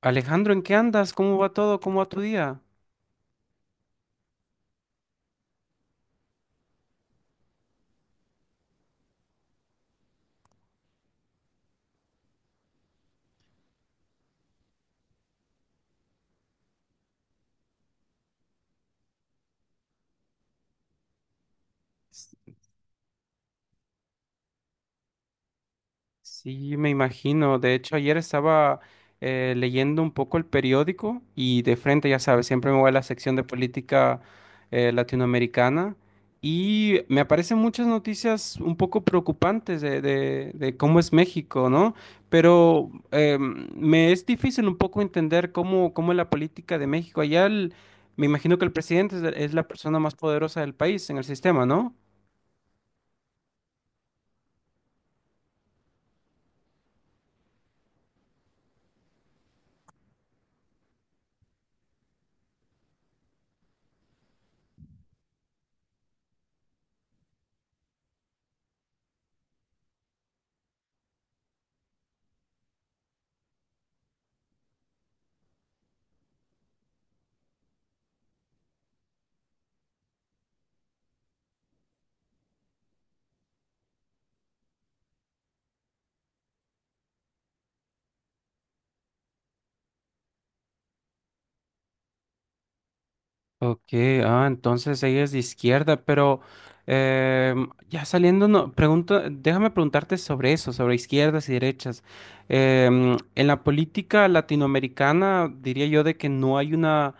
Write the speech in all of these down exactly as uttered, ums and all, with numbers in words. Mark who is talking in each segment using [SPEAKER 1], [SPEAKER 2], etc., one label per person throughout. [SPEAKER 1] Alejandro, ¿en qué andas? ¿Cómo va todo? ¿Cómo va tu día? S- Sí, me imagino. De hecho, ayer estaba eh, leyendo un poco el periódico y de frente, ya sabes, siempre me voy a la sección de política eh, latinoamericana y me aparecen muchas noticias un poco preocupantes de, de- de cómo es México, ¿no? Pero em, me es difícil un poco entender cómo, cómo es la política de México. Allá el- me imagino que el presidente es la es la persona más poderosa del país en el sistema, ¿no? Ok, ah, entonces ella es de izquierda, pero em, ya saliendo, no, pregunto, déjame preguntarte sobre eso, sobre izquierdas y derechas. Em, en la política latinoamericana diría yo de que no hay una,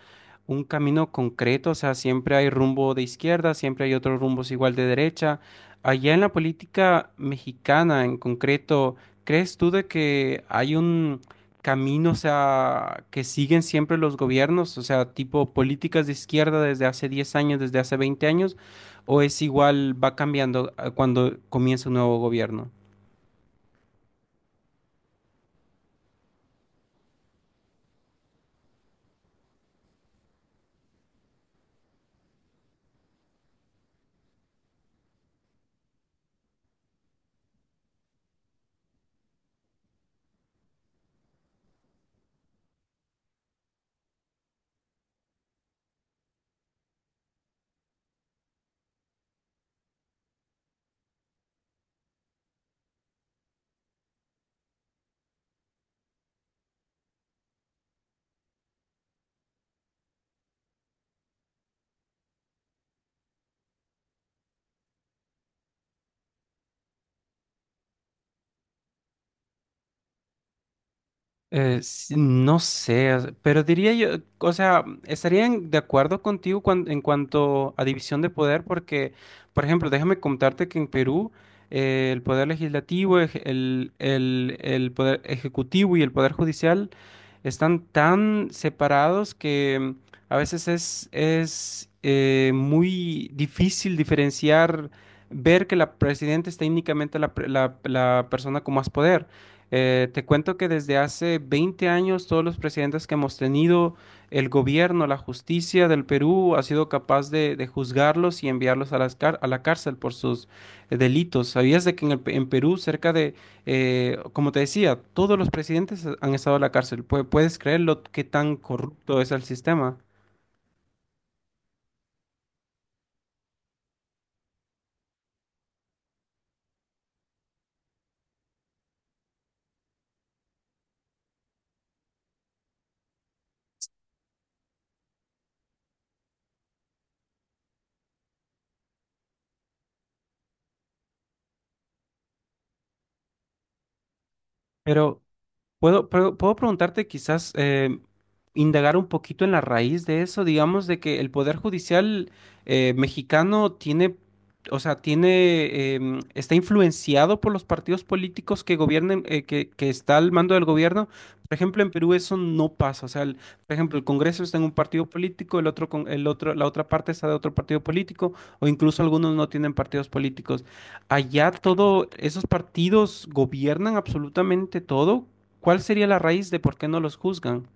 [SPEAKER 1] un camino concreto, o sea, siempre hay rumbo de izquierda, siempre hay otros rumbos igual de derecha. Allá en la política mexicana en concreto, ¿crees tú de que hay caminos a, que siguen siempre los gobiernos, o sea, tipo políticas de izquierda desde hace diez años, desde hace veinte años, o es igual, va cambiando eh, cuando comienza un nuevo gobierno? Eh, sí, no sé, o sea, pero diría yo, o sea, estarían de acuerdo contigo cuan- en cuanto a división de poder, porque, por ejemplo, déjame contarte que en Perú eh, el poder legislativo, ej- el, el, el poder ejecutivo y el poder judicial están tan separados que a veces es, es eh, muy difícil diferenciar, ver que la presidenta es técnicamente la, pre- la la persona con más poder. Eh, te cuento que desde hace veinte años todos los presidentes que hemos tenido, el gobierno, la justicia del Perú ha sido capaz de, de juzgarlos y enviarlos a, las car- a la cárcel por sus eh, delitos. ¿Sabías de que en, el Pe- en Perú cerca de, eh, como te decía, todos los presidentes han estado en la cárcel? Pue- ¿Puedes creer lo que tan corrupto es el sistema? Pero Puedo, pero puedo preguntarte quizás eh, indagar un poquito en la raíz de eso, digamos, de que el Poder Judicial eh, mexicano tiene, o sea, tiene, em, está influenciado por los partidos políticos que gobiernen, eh, que, que está al mando del gobierno. Por ejemplo, en Perú eso no pasa. O sea, el- por ejemplo, el Congreso está en un partido político, el otro, con- el otro, la otra parte está de otro partido político, o incluso algunos no tienen partidos políticos. Allá todo, esos partidos gobiernan absolutamente todo. ¿Cuál sería la raíz de por qué no los juzgan?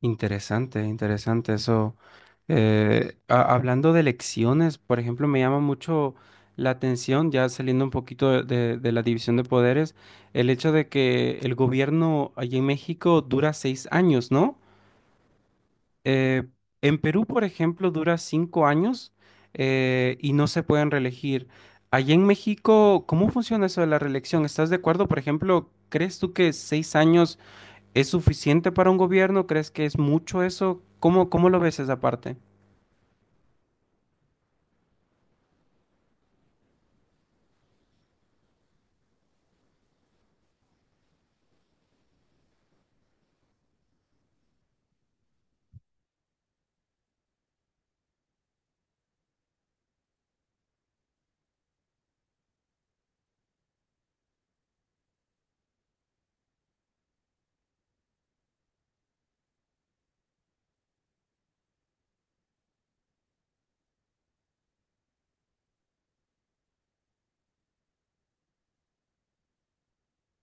[SPEAKER 1] Interesante, interesante eso. Eh, a- hablando de elecciones, por ejemplo, me llama mucho la atención, ya saliendo un poquito de, de- de la división de poderes, el hecho de que el gobierno allí en México dura seis años, ¿no? Eh, en Perú, por ejemplo, dura cinco años eh, y no se pueden reelegir. Allí en México, ¿cómo funciona eso de la reelección? ¿Estás de acuerdo? Por ejemplo, ¿crees tú que seis años es suficiente para un gobierno? ¿Crees que es mucho eso? ¿Cómo, ¿cómo lo ves esa parte?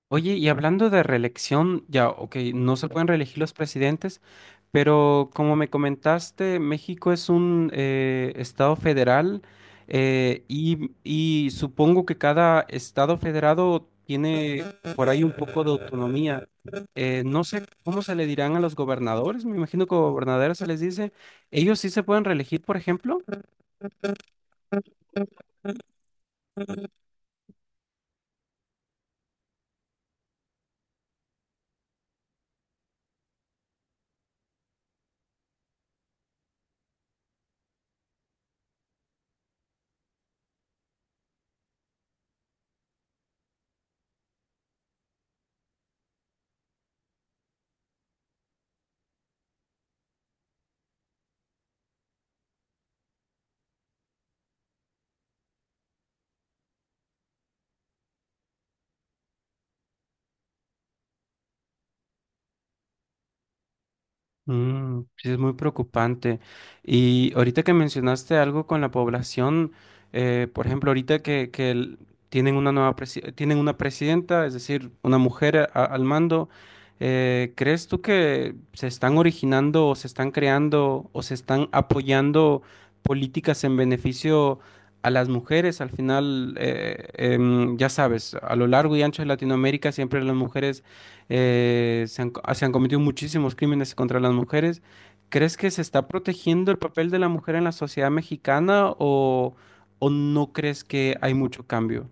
[SPEAKER 1] Oye, y hablando de reelección, ya, ok, no se pueden reelegir los presidentes, pero como me comentaste, México es un eh, estado federal eh, y, y supongo que cada estado federado tiene por ahí un poco de autonomía. Eh, no sé cómo se le dirán a los gobernadores, me imagino que gobernadores se les dice. ¿Ellos sí se pueden reelegir, por ejemplo? Mm, sí, es muy preocupante. Y ahorita que mencionaste algo con la población, eh, por ejemplo, ahorita que, que el- tienen una nueva presi- tienen una presidenta, es decir, una mujer a- al mando, eh, ¿crees tú que se están originando o se están creando o se están apoyando políticas en beneficio a las mujeres? Al final, eh, em, ya sabes, a lo largo y ancho de Latinoamérica siempre las mujeres eh, se han, co- se han cometido muchísimos crímenes contra las mujeres. ¿Crees que se está protegiendo el papel de la mujer en la sociedad mexicana o, o no crees que hay mucho cambio?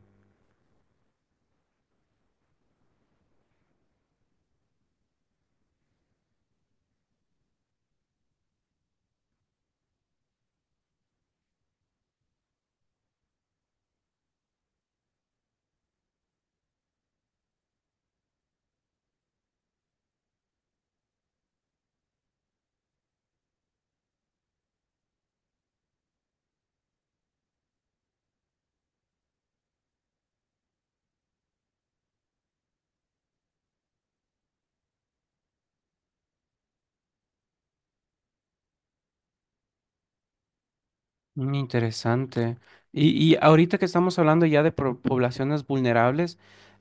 [SPEAKER 1] Mm, interesante. Y, y ahorita que estamos hablando ya de pro- poblaciones vulnerables,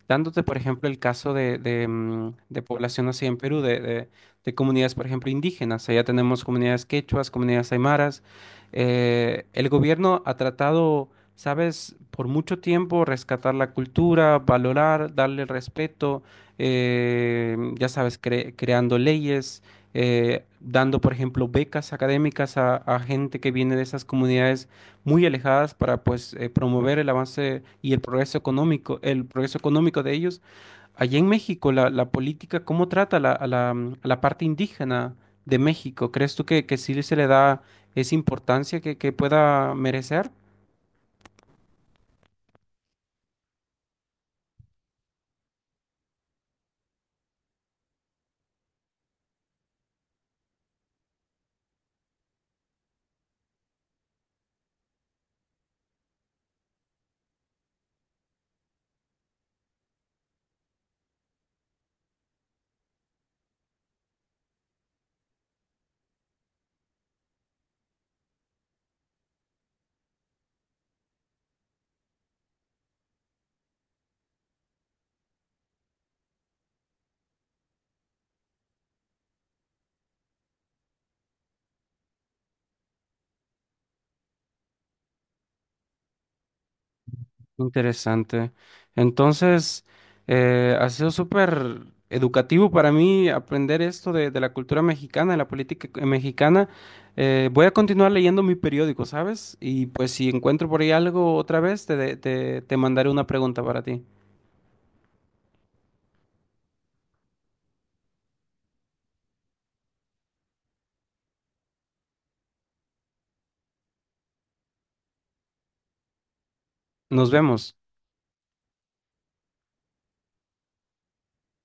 [SPEAKER 1] dándote, por ejemplo, el caso de, de, mm, de población así en Perú, de, de- de comunidades, por ejemplo, indígenas. Allá tenemos comunidades quechuas, comunidades aymaras. Eh, el gobierno ha tratado, sabes, por mucho tiempo rescatar la cultura, valorar, darle respeto, eh, ya sabes, cre- creando leyes eh, dando, por ejemplo, becas académicas a, a gente que viene de esas comunidades muy alejadas para pues eh, promover el avance y el progreso económico, el progreso económico de ellos. Allá en México, la, la política, ¿cómo trata la, a la, mm, a la parte indígena de México? ¿Crees tú que, que sí se le da esa importancia que, que pueda merecer? Interesante. Entonces, eh, ha sido súper educativo para mí aprender esto de, de la cultura mexicana, de la política eh, mexicana. Eh, voy a continuar leyendo mi periódico, ¿sabes? Y pues si encuentro por ahí algo otra vez, te, de- te te mandaré una pregunta para ti. Nos vemos.